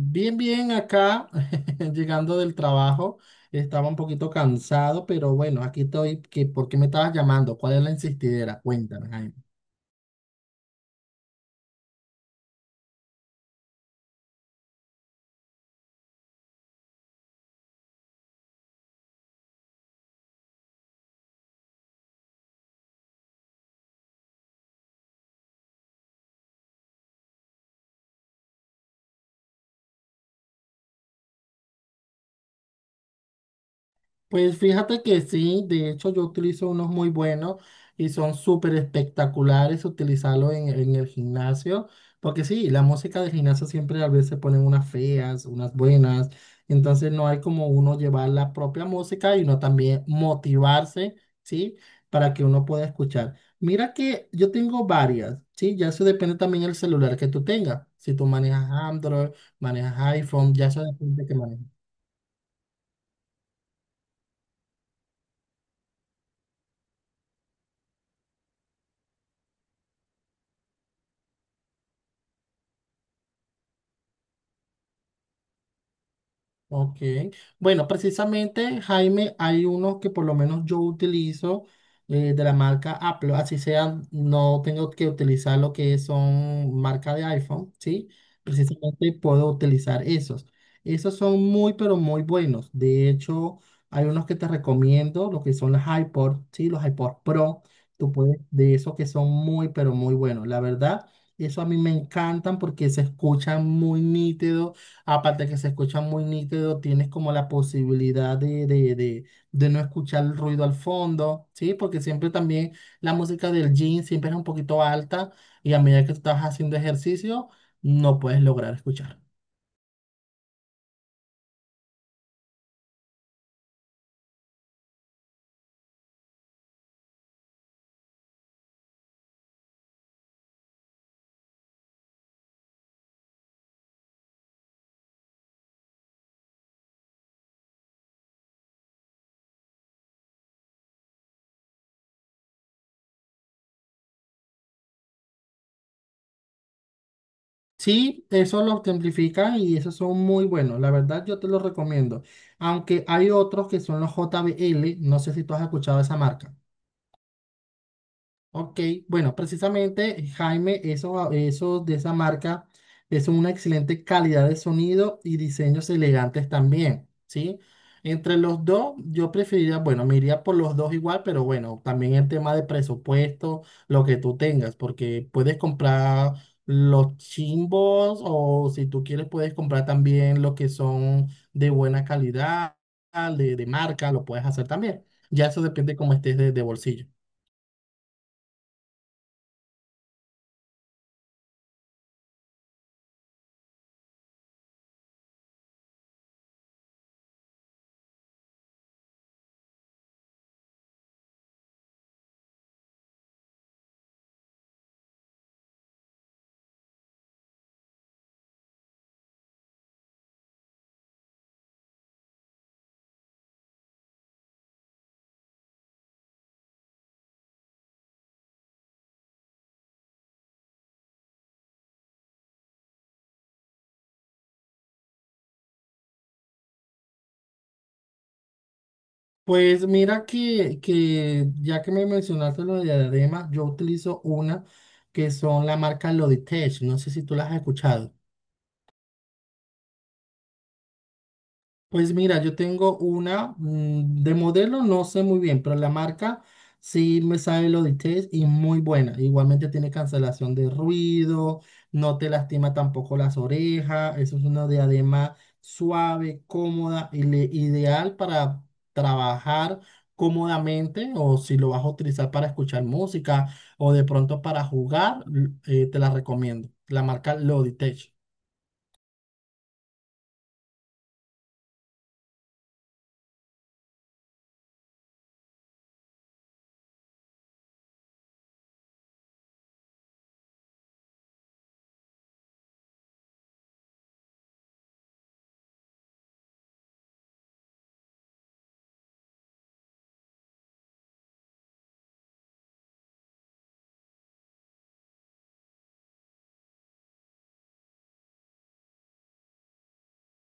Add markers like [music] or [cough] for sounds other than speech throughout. Bien, bien, acá, [laughs] llegando del trabajo, estaba un poquito cansado, pero bueno, aquí estoy. ¿Qué- por qué me estabas llamando? ¿Cuál es la insistidera? Cuéntame. Pues fíjate que sí, de hecho yo utilizo unos muy buenos y son súper espectaculares utilizarlos en el gimnasio, porque sí, la música del gimnasio siempre a veces ponen unas feas, unas buenas, entonces no hay como uno llevar la propia música y uno también motivarse, ¿sí? Para que uno pueda escuchar. Mira que yo tengo varias, ¿sí? Ya eso depende también del celular que tú tengas, si tú manejas Android, manejas iPhone, ya eso depende de que manejes. Ok. Bueno, precisamente, Jaime, hay unos que por lo menos yo utilizo de la marca Apple, así sea, no tengo que utilizar lo que son marca de iPhone, ¿sí? Precisamente puedo utilizar esos. Esos son muy, pero muy buenos. De hecho, hay unos que te recomiendo, lo que son los iPod, ¿sí? Los iPod Pro, tú puedes, de esos que son muy, pero muy buenos. La verdad, eso a mí me encantan porque se escuchan muy nítidos. Aparte que se escucha muy nítido, tienes como la posibilidad de no escuchar el ruido al fondo, ¿sí? Porque siempre también la música del gym siempre es un poquito alta y a medida que estás haciendo ejercicio, no puedes lograr escuchar. Sí, eso lo simplifica y esos son muy buenos. La verdad, yo te los recomiendo. Aunque hay otros que son los JBL, no sé si tú has escuchado esa marca. Ok, bueno, precisamente Jaime, eso, esos de esa marca es una excelente calidad de sonido y diseños elegantes también, ¿sí? Entre los dos, yo preferiría, bueno, me iría por los dos igual, pero bueno, también el tema de presupuesto, lo que tú tengas, porque puedes comprar los chimbos o si tú quieres puedes comprar también lo que son de buena calidad, de marca, lo puedes hacer también. Ya eso depende cómo estés de bolsillo. Pues mira que ya que me mencionaste lo de diadema, yo utilizo una que son la marca Logitech. No sé si tú las has escuchado. Pues mira, yo tengo una de modelo, no sé muy bien, pero la marca sí me sabe los detalles y muy buena. Igualmente tiene cancelación de ruido, no te lastima tampoco las orejas. Eso es una diadema suave, cómoda y ideal para trabajar cómodamente o si lo vas a utilizar para escuchar música o de pronto para jugar, te la recomiendo. La marca Logitech.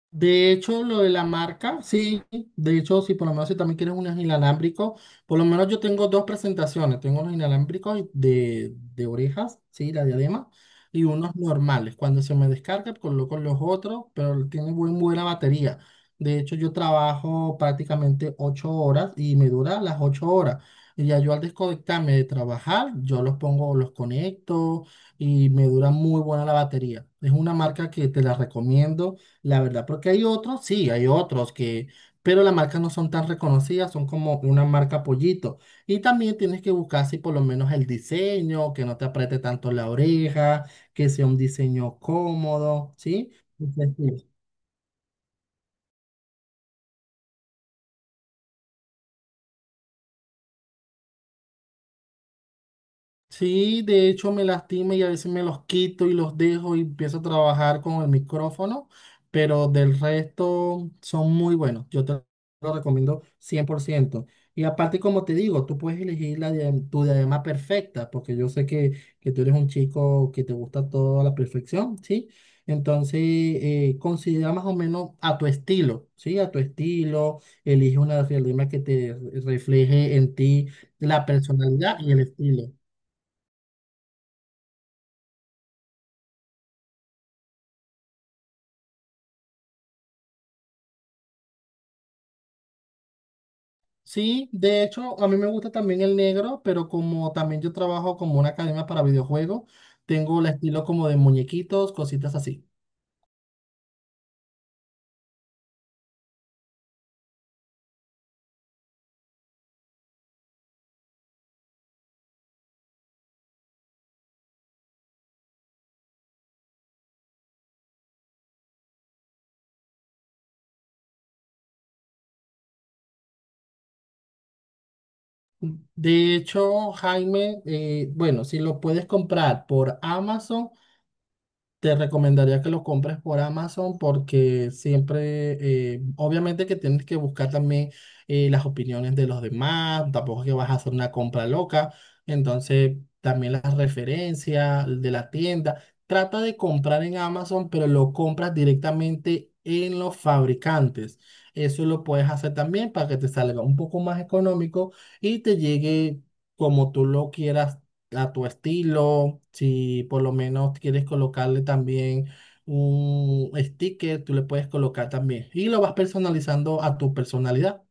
De hecho, lo de la marca, sí, de hecho, sí, por lo menos si también quieres unos inalámbricos, por lo menos yo tengo dos presentaciones, tengo unos inalámbricos de orejas, sí, la diadema, y unos normales. Cuando se me descarga, coloco los otros, pero tiene buena batería. De hecho, yo trabajo prácticamente 8 horas y me dura las 8 horas. Y ya yo al desconectarme de trabajar, yo los pongo, los conecto y me dura muy buena la batería. Es una marca que te la recomiendo la verdad, porque hay otros, sí, hay otros que, pero las marcas no son tan reconocidas, son como una marca pollito. Y también tienes que buscar si por lo menos el diseño, que no te apriete tanto la oreja, que sea un diseño cómodo, ¿sí? Entonces, sí. Sí, de hecho me lastima y a veces me los quito y los dejo y empiezo a trabajar con el micrófono, pero del resto son muy buenos. Yo te lo recomiendo 100%. Y aparte, como te digo, tú puedes elegir la tu diadema perfecta, porque yo sé que tú eres un chico que te gusta toda la perfección, ¿sí? Entonces, considera más o menos a tu estilo, ¿sí? A tu estilo, elige una diadema que te refleje en ti la personalidad y el estilo. Sí, de hecho, a mí me gusta también el negro, pero como también yo trabajo como una academia para videojuegos, tengo el estilo como de muñequitos, cositas así. De hecho, Jaime, bueno, si lo puedes comprar por Amazon, te recomendaría que lo compres por Amazon porque siempre, obviamente que tienes que buscar también las opiniones de los demás, tampoco es que vas a hacer una compra loca, entonces también las referencias de la tienda. Trata de comprar en Amazon, pero lo compras directamente en los fabricantes. Eso lo puedes hacer también para que te salga un poco más económico y te llegue como tú lo quieras a tu estilo, si por lo menos quieres colocarle también un sticker, tú le puedes colocar también y lo vas personalizando a tu personalidad.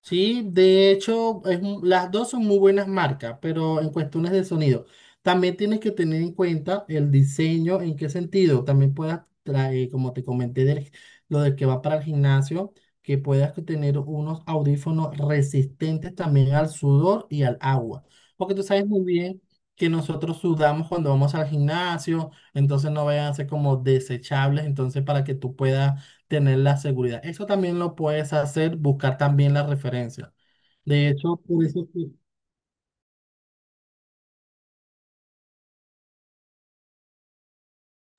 Sí, de hecho, es las dos son muy buenas marcas, pero en cuestiones de sonido, también tienes que tener en cuenta el diseño, en qué sentido. También puedas traer, como te comenté, lo de que va para el gimnasio, que puedas que tener unos audífonos resistentes también al sudor y al agua. Porque tú sabes muy bien que nosotros sudamos cuando vamos al gimnasio, entonces no vayan a ser como desechables, entonces para que tú puedas tener la seguridad. Eso también lo puedes hacer, buscar también la referencia. De hecho, por eso,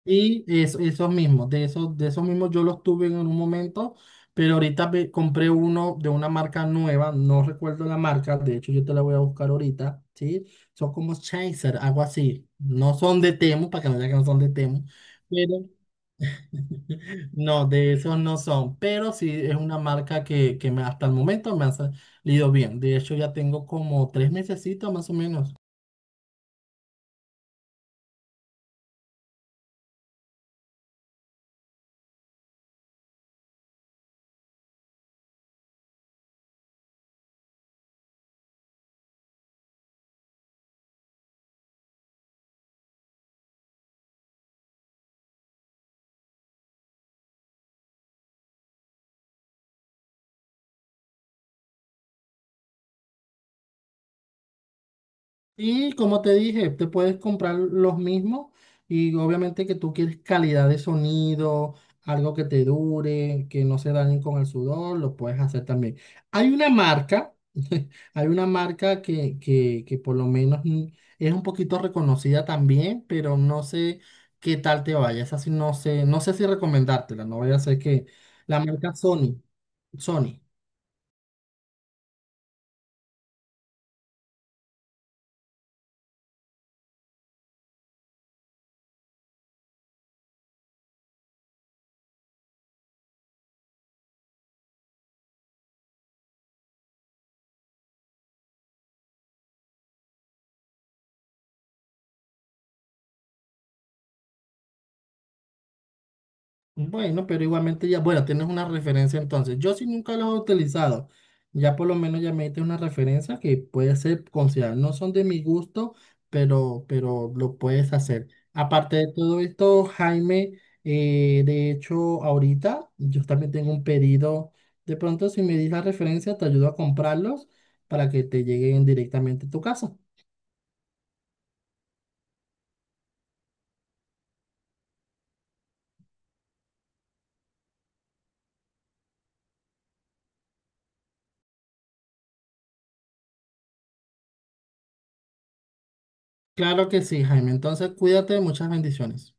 y eso, esos mismos, de esos mismos yo los tuve en un momento, pero ahorita compré uno de una marca nueva, no recuerdo la marca, de hecho yo te la voy a buscar ahorita, ¿sí? Son como Chaser, algo así. No son de Temu, para que no digan que no son de Temu, pero [laughs] no, de esos no son, pero sí es una marca que, hasta el momento me ha salido bien. De hecho, ya tengo como 3 mesecitos más o menos. Y como te dije, te puedes comprar los mismos y obviamente que tú quieres calidad de sonido, algo que te dure, que no se dañen con el sudor, lo puedes hacer también. Hay una marca, [laughs] hay una marca que por lo menos es un poquito reconocida también, pero no sé qué tal te vaya. Esa sí no sé, no sé si recomendártela, no voy a hacer que la marca Sony, Sony. Bueno, pero igualmente ya, bueno, tienes una referencia entonces. Yo sí nunca los he utilizado. Ya por lo menos ya me diste una referencia que puede ser considerada. No son de mi gusto, pero lo puedes hacer. Aparte de todo esto, Jaime, de hecho, ahorita yo también tengo un pedido. De pronto, si me dis la referencia, te ayudo a comprarlos para que te lleguen directamente a tu casa. Claro que sí, Jaime. Entonces, cuídate, muchas bendiciones.